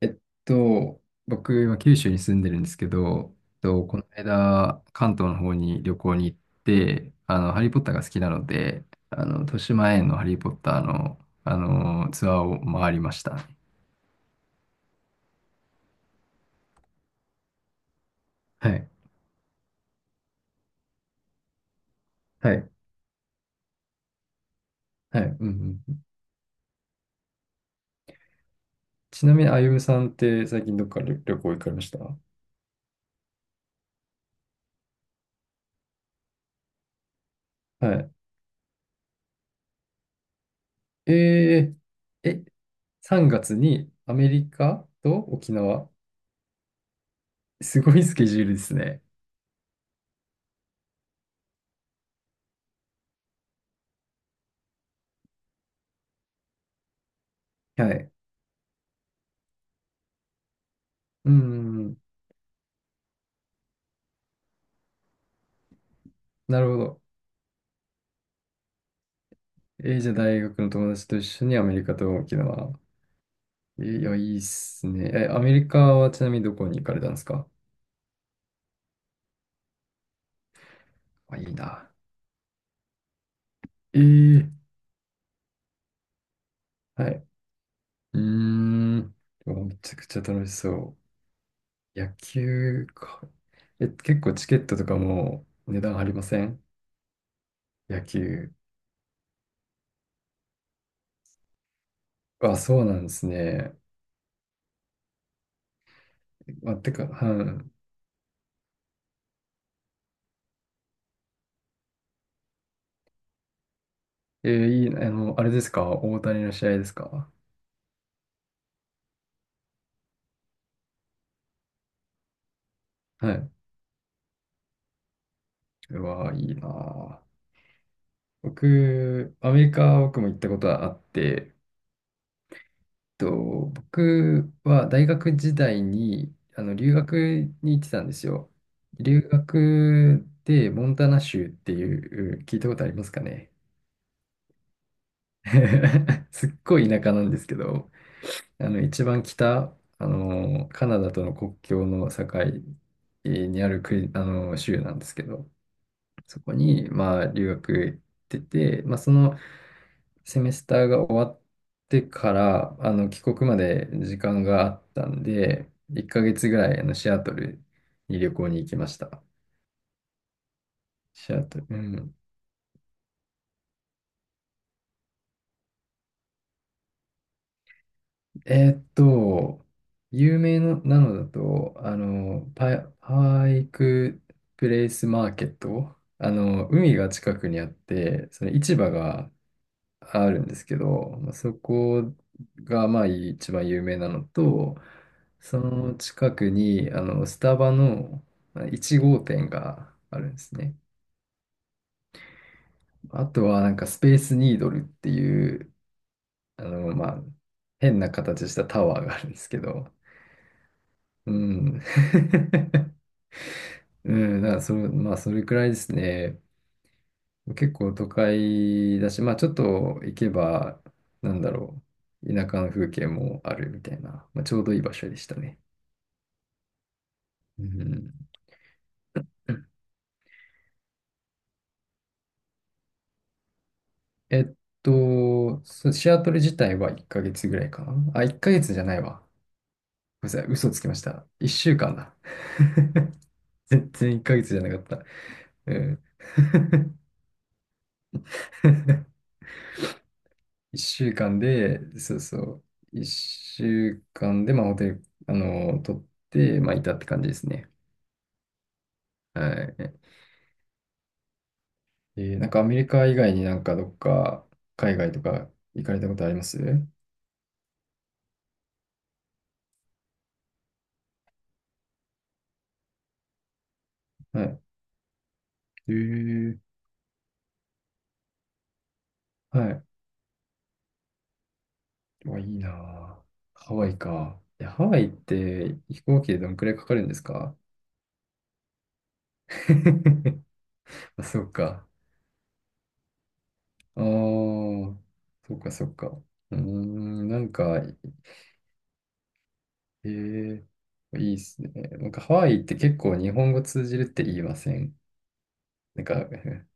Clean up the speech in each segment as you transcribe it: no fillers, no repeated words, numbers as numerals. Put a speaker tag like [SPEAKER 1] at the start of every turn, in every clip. [SPEAKER 1] えっと、僕、今、九州に住んでるんですけど、この間、関東の方に旅行に行って、ハリー・ポッターが好きなので、豊島園のハリー・ポッターの、ツアーを回りましたね。はい。はい。はい。うんうん。ちなみに、あゆむさんって最近どっか旅行行かれました？はい。えー、え、3月にアメリカと沖縄。すごいスケジュールですね。はい。うんうんうん。なるほど。じゃあ大学の友達と一緒にアメリカと沖縄。いや、いいっすね。え、アメリカはちなみにどこに行かれたんですか？あ、いいな。えー、はい。うーん。でもめちゃくちゃ楽しそう。野球か。え、結構チケットとかも値段張りません？野球。あ、そうなんですね。あ、てか、はい。いいな、あれですか？大谷の試合ですか？はい。うわー、いいなー。僕、アメリカ、僕も行ったことはあって、僕は大学時代に留学に行ってたんですよ。留学でモンタナ州っていう、聞いたことありますかね？ すっごい田舎なんですけど、一番北、カナダとの国境の境にある国、州なんですけど、そこに、まあ、留学行ってて、まあ、そのセメスターが終わってから、帰国まで時間があったんで、1ヶ月ぐらい、シアトルに旅行に行きました。シアトル、うん。えーっと、有名のなのだと、パイクプレイスマーケット、海が近くにあって、その市場があるんですけど、まあ、そこがまあ一番有名なのと、その近くにスタバのまあ1号店があるんですね。あとはなんかスペースニードルっていう、まあ変な形したタワーがあるんですけど、うん。うん、だからそれ、まあそれくらいですね。結構都会だし、まあちょっと行けば、なんだろう、田舎の風景もあるみたいな、まあ、ちょうどいい場所でしたね。うん、えっシアトル自体は1ヶ月ぐらいかな。あ、1ヶ月じゃないわ。ごめんなさい、嘘つきました。1週間だ。全然1ヶ月じゃなかった。うん。1週間で、そうそう、1週間で、まあホテル、取って、まあいたって感じですね。はい。なんかアメリカ以外になんかどっか海外とか行かれたことあります？はい。えー、はい。うわ、いいなぁ。ハワイか。いや、ハワイって飛行機でどのくらいかかるんですか？ あ、そうか。ああ、そうか、そうか。うーん、なんか、えー、いいっすね。なんかハワイって結構日本語通じるって言いません？なんか、う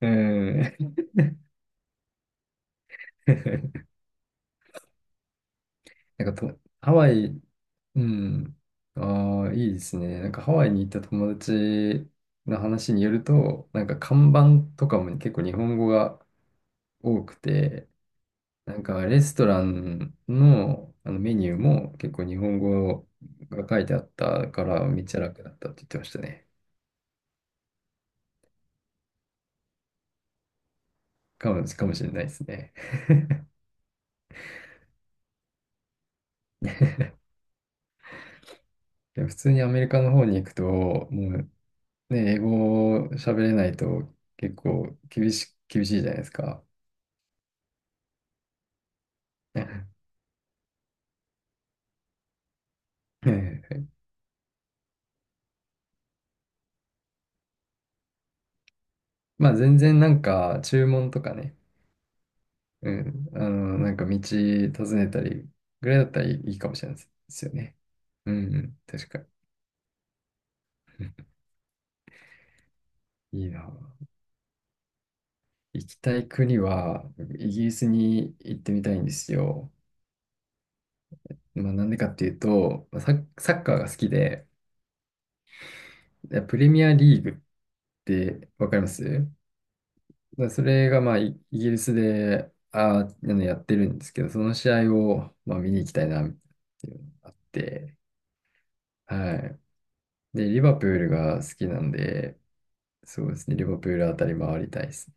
[SPEAKER 1] ーん。なんかと、ハワイ。うん。ああ、いいですね。なんかハワイに行った友達の話によると、なんか看板とかも結構日本語が多くて、なんかレストランの、メニューも結構日本語が書いてあったからめっちゃ楽だったって言ってましたね。かもしれないですね。でも普通にアメリカの方に行くと、もうね、英語喋れないと結構厳しいじゃないですか。ね。まあ全然なんか注文とかね、うん、なんか道訪ねたりぐらいだったらいいかもしれないですよね。うん、うん、確かに。うん。いいな。行きたい国は、イギリスに行ってみたいんですよ。まあなんでかっていうと、まあサッカーが好きで、プレミアリーグってわかります？まあそれがまあイイギリスで、やってるんですけど、その試合をまあ見に行きたいな、っていうのがあって、はい。で、リバプールが好きなんで、そうですね、リバプールあたり回りたいですね。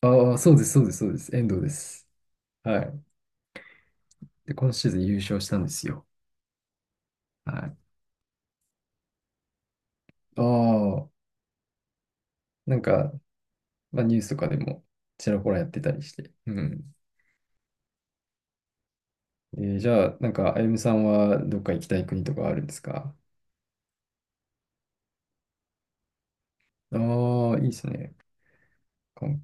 [SPEAKER 1] ああ、そうです、そうです、そうです、遠藤です。はい。で、今シーズン優勝したんですよ。はい。ああ、なんか、まあ、ニュースとかでもちらほらやってたりして。うん。じゃあ、なんか、あゆむさんはどっか行きたい国とかあるんですか？ああ、いいですね。かん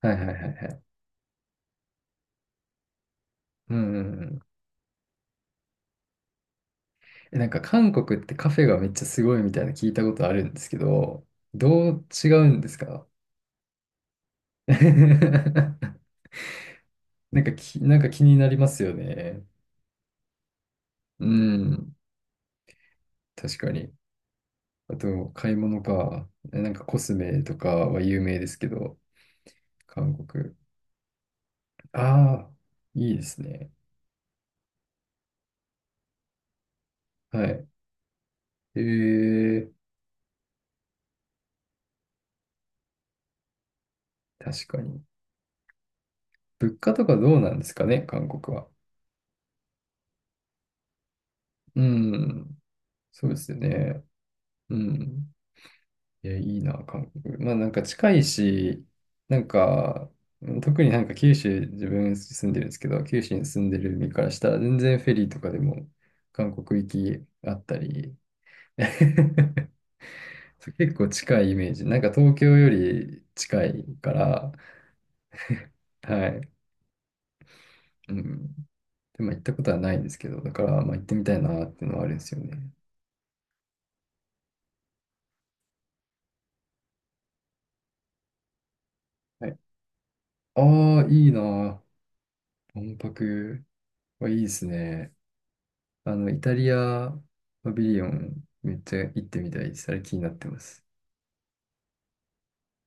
[SPEAKER 1] はいはいはいはい。うんうんうん。え、なんか韓国ってカフェがめっちゃすごいみたいな聞いたことあるんですけど、どう違うんですか？ なんかき、なんか気になりますよね。うん、確かに。あと、買い物か。なんかコスメとかは有名ですけど、韓国。ああ、いいですね。はい。ええ、確かに。物価とかどうなんですかね、韓国は。うん、そうですよね。うん。いや、いいな、韓国。まあ、なんか近いし、なんか、特になんか九州、自分住んでるんですけど、九州に住んでる身からしたら、全然フェリーとかでも韓国行きあったり、結構近いイメージ。なんか東京より近いから、はい。うん。でも行ったことはないんですけど、だから、まあ行ってみたいなっていうのはあるんですよね。はい。ああ、いいな。万博はいいですね。イタリアパビリオンめっちゃ行ってみたいです。あれ気になってます。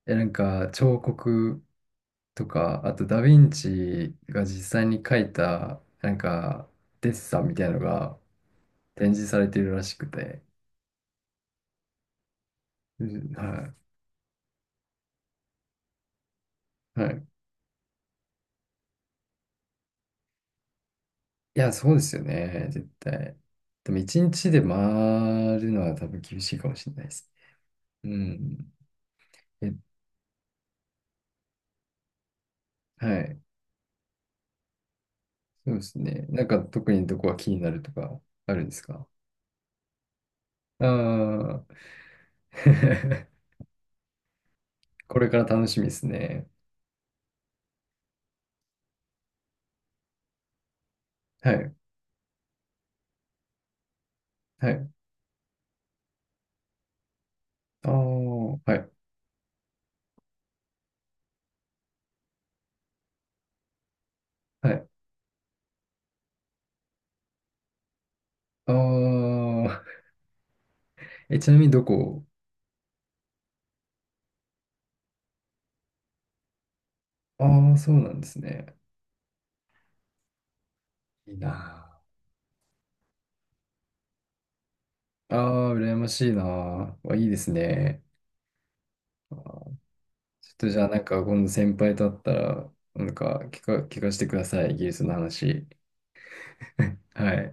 [SPEAKER 1] なんか彫刻とか、あとダヴィンチが実際に描いた、なんかデッサンみたいなのが展示されてるらしくて。うん、はい。はい。いや、そうですよね。絶対。でも一日で回るのは多分厳しいかもしれないですね。うん。え、はい。そうですね。なんか特にどこが気になるとかあるんですか？ああー。これから楽しみですね。はい。はい。ああ、はい。はい。ああ、ちなみにどこ。ああー、そうなんですね。いいなあ。ああ、羨ましいなあ。いいですね。あーちょっとじゃあ、なんか、今度先輩と会ったら、なんか聞かせてください。イギリスの話。はい。